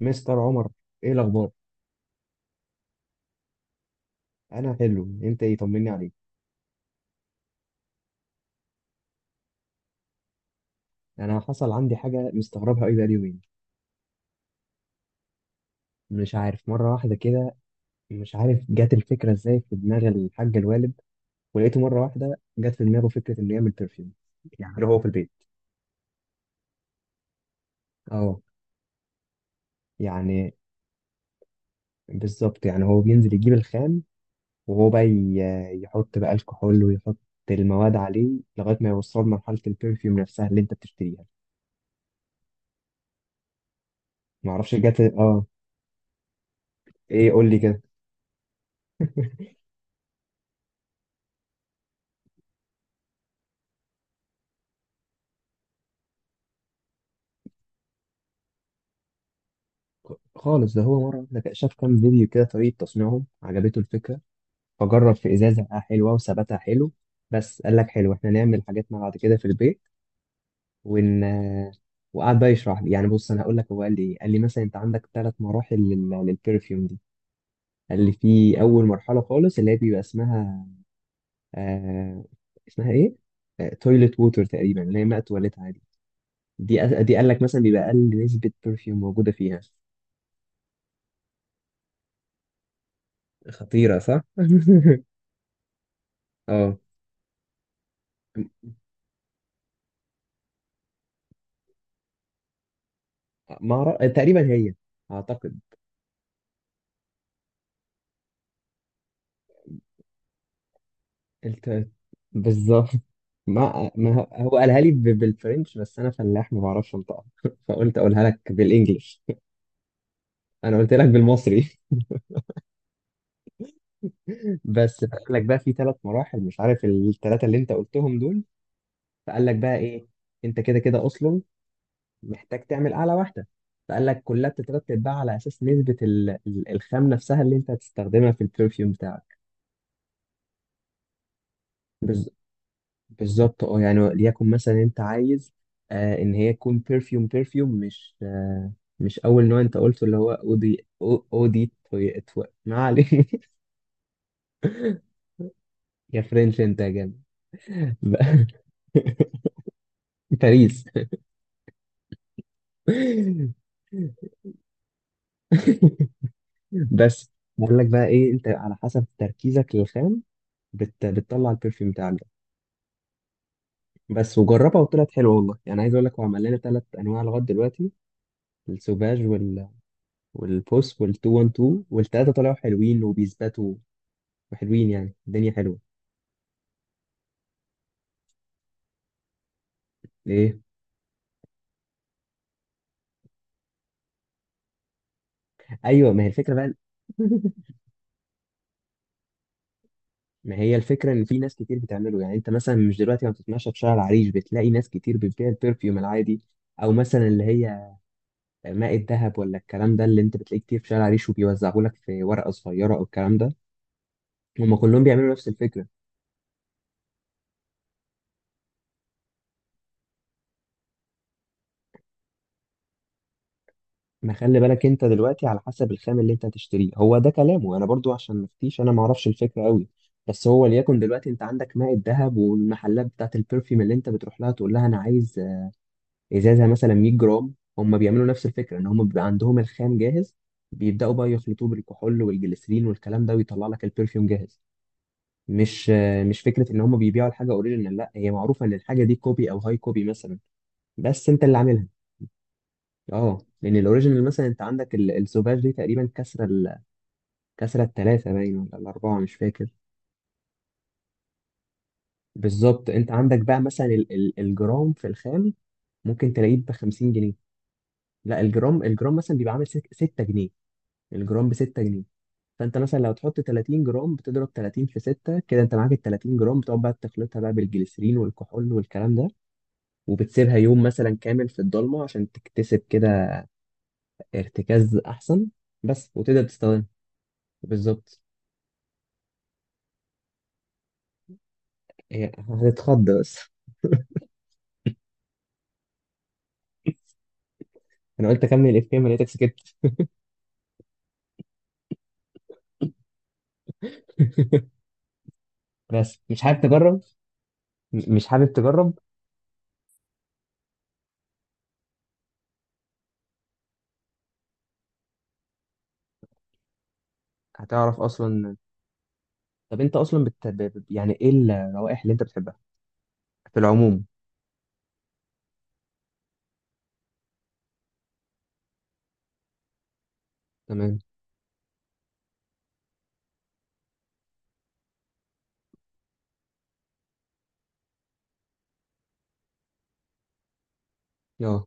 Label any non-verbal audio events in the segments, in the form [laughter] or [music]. مستر عمر، ايه الاخبار؟ انا حلو، انت ايه؟ طمني عليك. انا حصل عندي حاجه مستغربها قوي بقالي يومين. مش عارف، مره واحده كده مش عارف جت الفكره ازاي في دماغ الحاج الوالد، ولقيته مره واحده جت في دماغه فكره انه يعمل برفيوم، يعني هو في البيت. اه، يعني بالظبط، يعني هو بينزل يجيب الخام، وهو بقى يحط بقى الكحول، ويحط المواد عليه لغايه ما يوصل مرحله البرفيوم نفسها اللي انت بتشتريها. معرفش جت، اه. ايه قول لي كده. خالص، ده هو مرة واحدة كده شاف كام فيديو كده طريقة تصنيعهم، عجبته الفكرة، فجرب في إزازة لقاها حلوة وثباتها حلو. بس قال لك حلو، احنا نعمل حاجاتنا بعد كده في البيت. ون وقعد بقى يشرح لي. يعني بص، أنا هقول لك هو قال لي إيه. قال لي مثلا أنت عندك ثلاث مراحل للبرفيوم دي. قال لي في أول مرحلة خالص اللي هي بيبقى اسمها، آه... اسمها إيه؟ تويلت ووتر تقريبا، اللي هي ماء تواليت عادي. دي دي قال لك مثلا بيبقى أقل نسبة برفيوم موجودة فيها. خطيرة، صح؟ [laughs] اه. ما أعرف- تقريبا هي، اعتقد. الت... بالظبط. ما هو هو قالها لي بالفرنش، بس انا فلاح ما بعرفش انطقها [laughs] فقلت اقولها لك بالانجلش. انا قلت لك بالمصري. [laughs] بس قال لك بقى في ثلاث مراحل، مش عارف الثلاثه اللي انت قلتهم دول. فقال لك بقى ايه، انت كده كده اصلا محتاج تعمل اعلى واحده. فقال لك كلها بتترتب بقى على اساس نسبه الخام نفسها اللي انت هتستخدمها في البرفيوم بتاعك. بالظبط. اه يعني ليكن مثلا انت عايز ان هي تكون بيرفيوم بيرفيوم، مش مش اول نوع انت قلته اللي هو اودي، ما علينا. [laughs] يا فرنش انت يا جامد! [laughs] باريس! [laughs] بس بقول لك بقى ايه، انت على حسب تركيزك للخام بتطلع البرفيوم بتاعك ده بس، وجربها وطلعت حلوه والله. يعني عايز اقول لك هو عمل لنا ثلاث انواع لغايه دلوقتي: السوفاج وال... والبوس وال212، والثلاثه طلعوا حلوين وبيثبتوا وحلوين. يعني الدنيا حلوه. ليه؟ ايوه، ما هي الفكره بقى. [laughs] ما هي الفكره ان في ناس كتير بتعمله. يعني انت مثلا مش دلوقتي ما بتتمشى في شارع العريش بتلاقي ناس كتير بتبيع البرفيوم العادي، او مثلا اللي هي ماء الذهب ولا الكلام ده اللي انت بتلاقيه كتير في شارع العريش وبيوزعه لك في ورقه صغيره او الكلام ده. هم كلهم بيعملوا نفس الفكره. ما خلي بالك، انت دلوقتي على حسب الخام اللي انت هتشتريه، هو ده كلامه، انا برضو عشان ما افتيش، انا ما اعرفش الفكره قوي. بس هو ليكن دلوقتي انت عندك ماء الذهب والمحلات بتاعت البرفيوم اللي انت بتروح لها تقول لها انا عايز ازازه مثلا 100 جرام، هم بيعملوا نفس الفكره ان هم بيبقى عندهم الخام جاهز، بيبداوا بقى يخلطوه بالكحول والجليسرين والكلام ده ويطلع لك البرفيوم جاهز. مش مش فكره ان هم بيبيعوا الحاجه اوريجينال، لا، هي معروفه ان الحاجه دي كوبي او هاي كوبي مثلا، بس انت اللي عاملها. اه، لان الاوريجينال مثلا انت عندك السوفاج دي تقريبا كسره الثلاثه باين ولا الاربعه، مش فاكر. بالظبط، انت عندك بقى مثلا الجرام في الخام ممكن تلاقيه ب 50 جنيه. لا، الجرام مثلا بيبقى عامل 6 جنيه، الجرام ب 6 جنيه. فانت مثلا لو تحط 30 جرام، بتضرب 30 في 6، كده انت معاك ال 30 جرام، بتقعد بقى تخلطها بقى بالجليسرين والكحول والكلام ده، وبتسيبها يوم مثلا كامل في الضلمه عشان تكتسب كده ارتكاز احسن، بس، وتقدر تستخدمها. بالظبط. هي هتتخض بس. انا قلت اكمل الافيه، ما لقيتك سكت. بس مش حابب تجرب؟ مش حابب تجرب؟ هتعرف اصلا. طب انت اصلا يعني ايه الروائح اللي انت بتحبها في العموم؟ تمام. اه.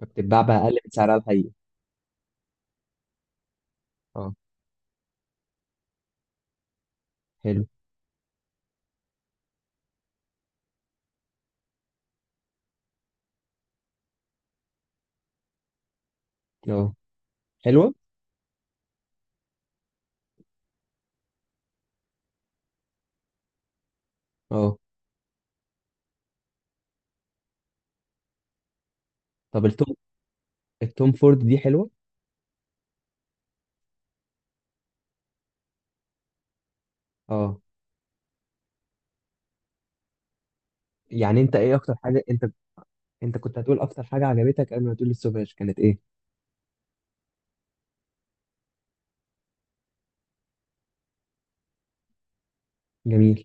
فبتتباع بقى اقل من سعرها الحقيقي. اه، حلو. اه. حلوه. اه. طب التوم فورد دي حلوه؟ اه. يعني انت ايه اكتر حاجه انت، انت كنت هتقول اكتر حاجه عجبتك قبل ما تقول السوفاج، كانت ايه؟ جميل.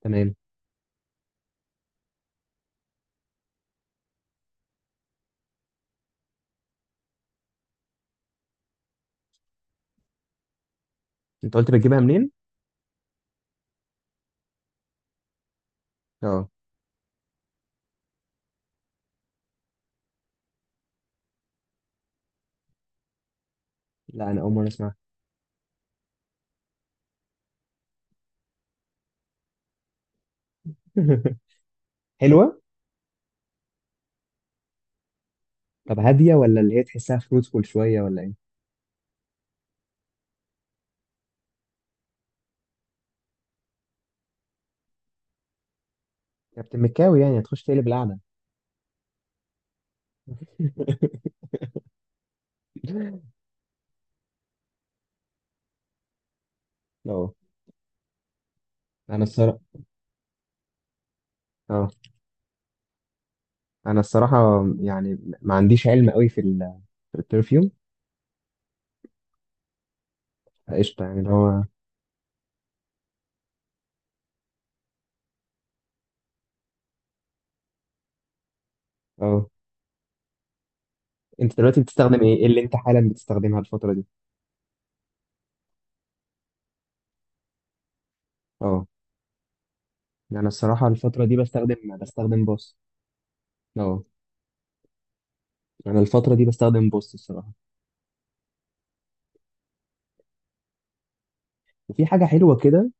تمام. انت قلت بتجيبها منين؟ اه. لا انا اول مره اسمعها. [laughs] حلوه. طب هاديه، ولا اللي هي تحسها فروتفول شويه، ولا ايه؟ كابتن مكاوي يعني، هتخش تقلب القعده. [laughs] اه. انا الصراحه، اه، انا الصراحه يعني ما عنديش علم قوي في في البرفيوم. قشطه، يعني اللي هو. اه. انت دلوقتي بتستخدم ايه؟ إيه اللي انت حالا بتستخدمها الفتره دي؟ اه. انا الصراحه الفتره دي بستخدم، بستخدم بوس. اه. انا الفتره دي بستخدم بوس الصراحه. وفي حاجه حلوه كده،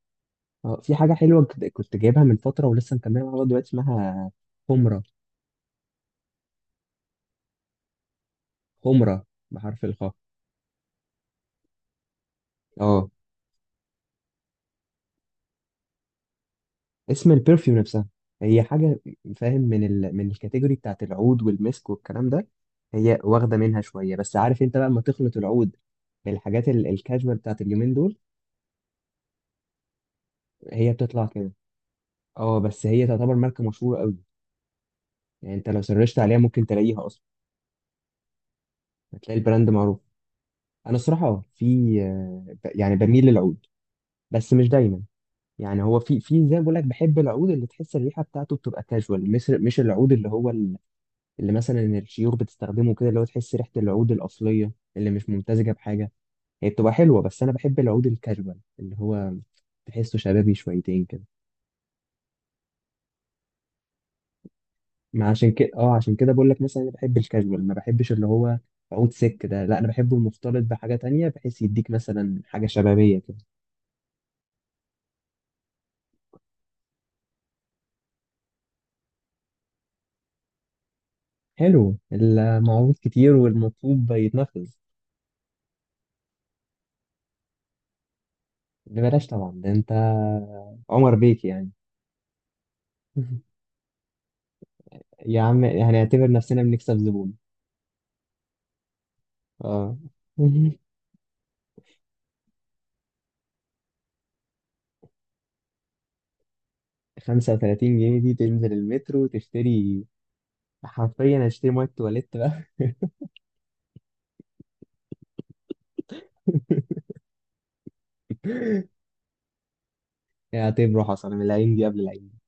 اه، في حاجه حلوه كنت جايبها من فتره ولسه مكمله معايا لغاية دلوقتي، اسمها خمره. خمره، بحرف الخاء. اه. اسم البرفيوم نفسها. هي حاجه، فاهم، من الكاتيجوري بتاعت العود والمسك والكلام ده، هي واخده منها شويه، بس عارف انت بقى لما تخلط العود بالحاجات الكاجوال بتاعت اليومين دول، هي بتطلع كده. اه، بس هي تعتبر ماركه مشهوره قوي، يعني انت لو سرشت عليها ممكن تلاقيها اصلا، هتلاقي البراند معروف. انا الصراحه اه في يعني بميل للعود، بس مش دايما. يعني هو في، في، زي ما بقول لك بحب العود اللي تحس الريحه بتاعته بتبقى كاجوال، مش مش العود اللي هو اللي مثلا الشيوخ بتستخدمه كده، اللي هو تحس ريحه العود الاصليه اللي مش ممتزجه بحاجه، هي بتبقى حلوه، بس انا بحب العود الكاجوال اللي هو تحسه شبابي شويتين كده. ما عشان كده، اه، عشان كده بقول لك مثلا انا بحب الكاجوال، ما بحبش اللي هو عود سك ده، لا، انا بحبه المختلط بحاجه تانية بحيث يديك مثلا حاجه شبابيه كده. حلو، المعروض كتير والمطلوب يتنفذ. ببلاش طبعا، ده انت عمر بيك يعني. [laughs] يا عم، هنعتبر نفسنا بنكسب زبون. اه. [laughs] 35 جنيه دي تنزل المترو تشتري، حرفيا هشتري ميه تواليت بقى. [laughs] اعتبره حصل، من العين دي قبل العين.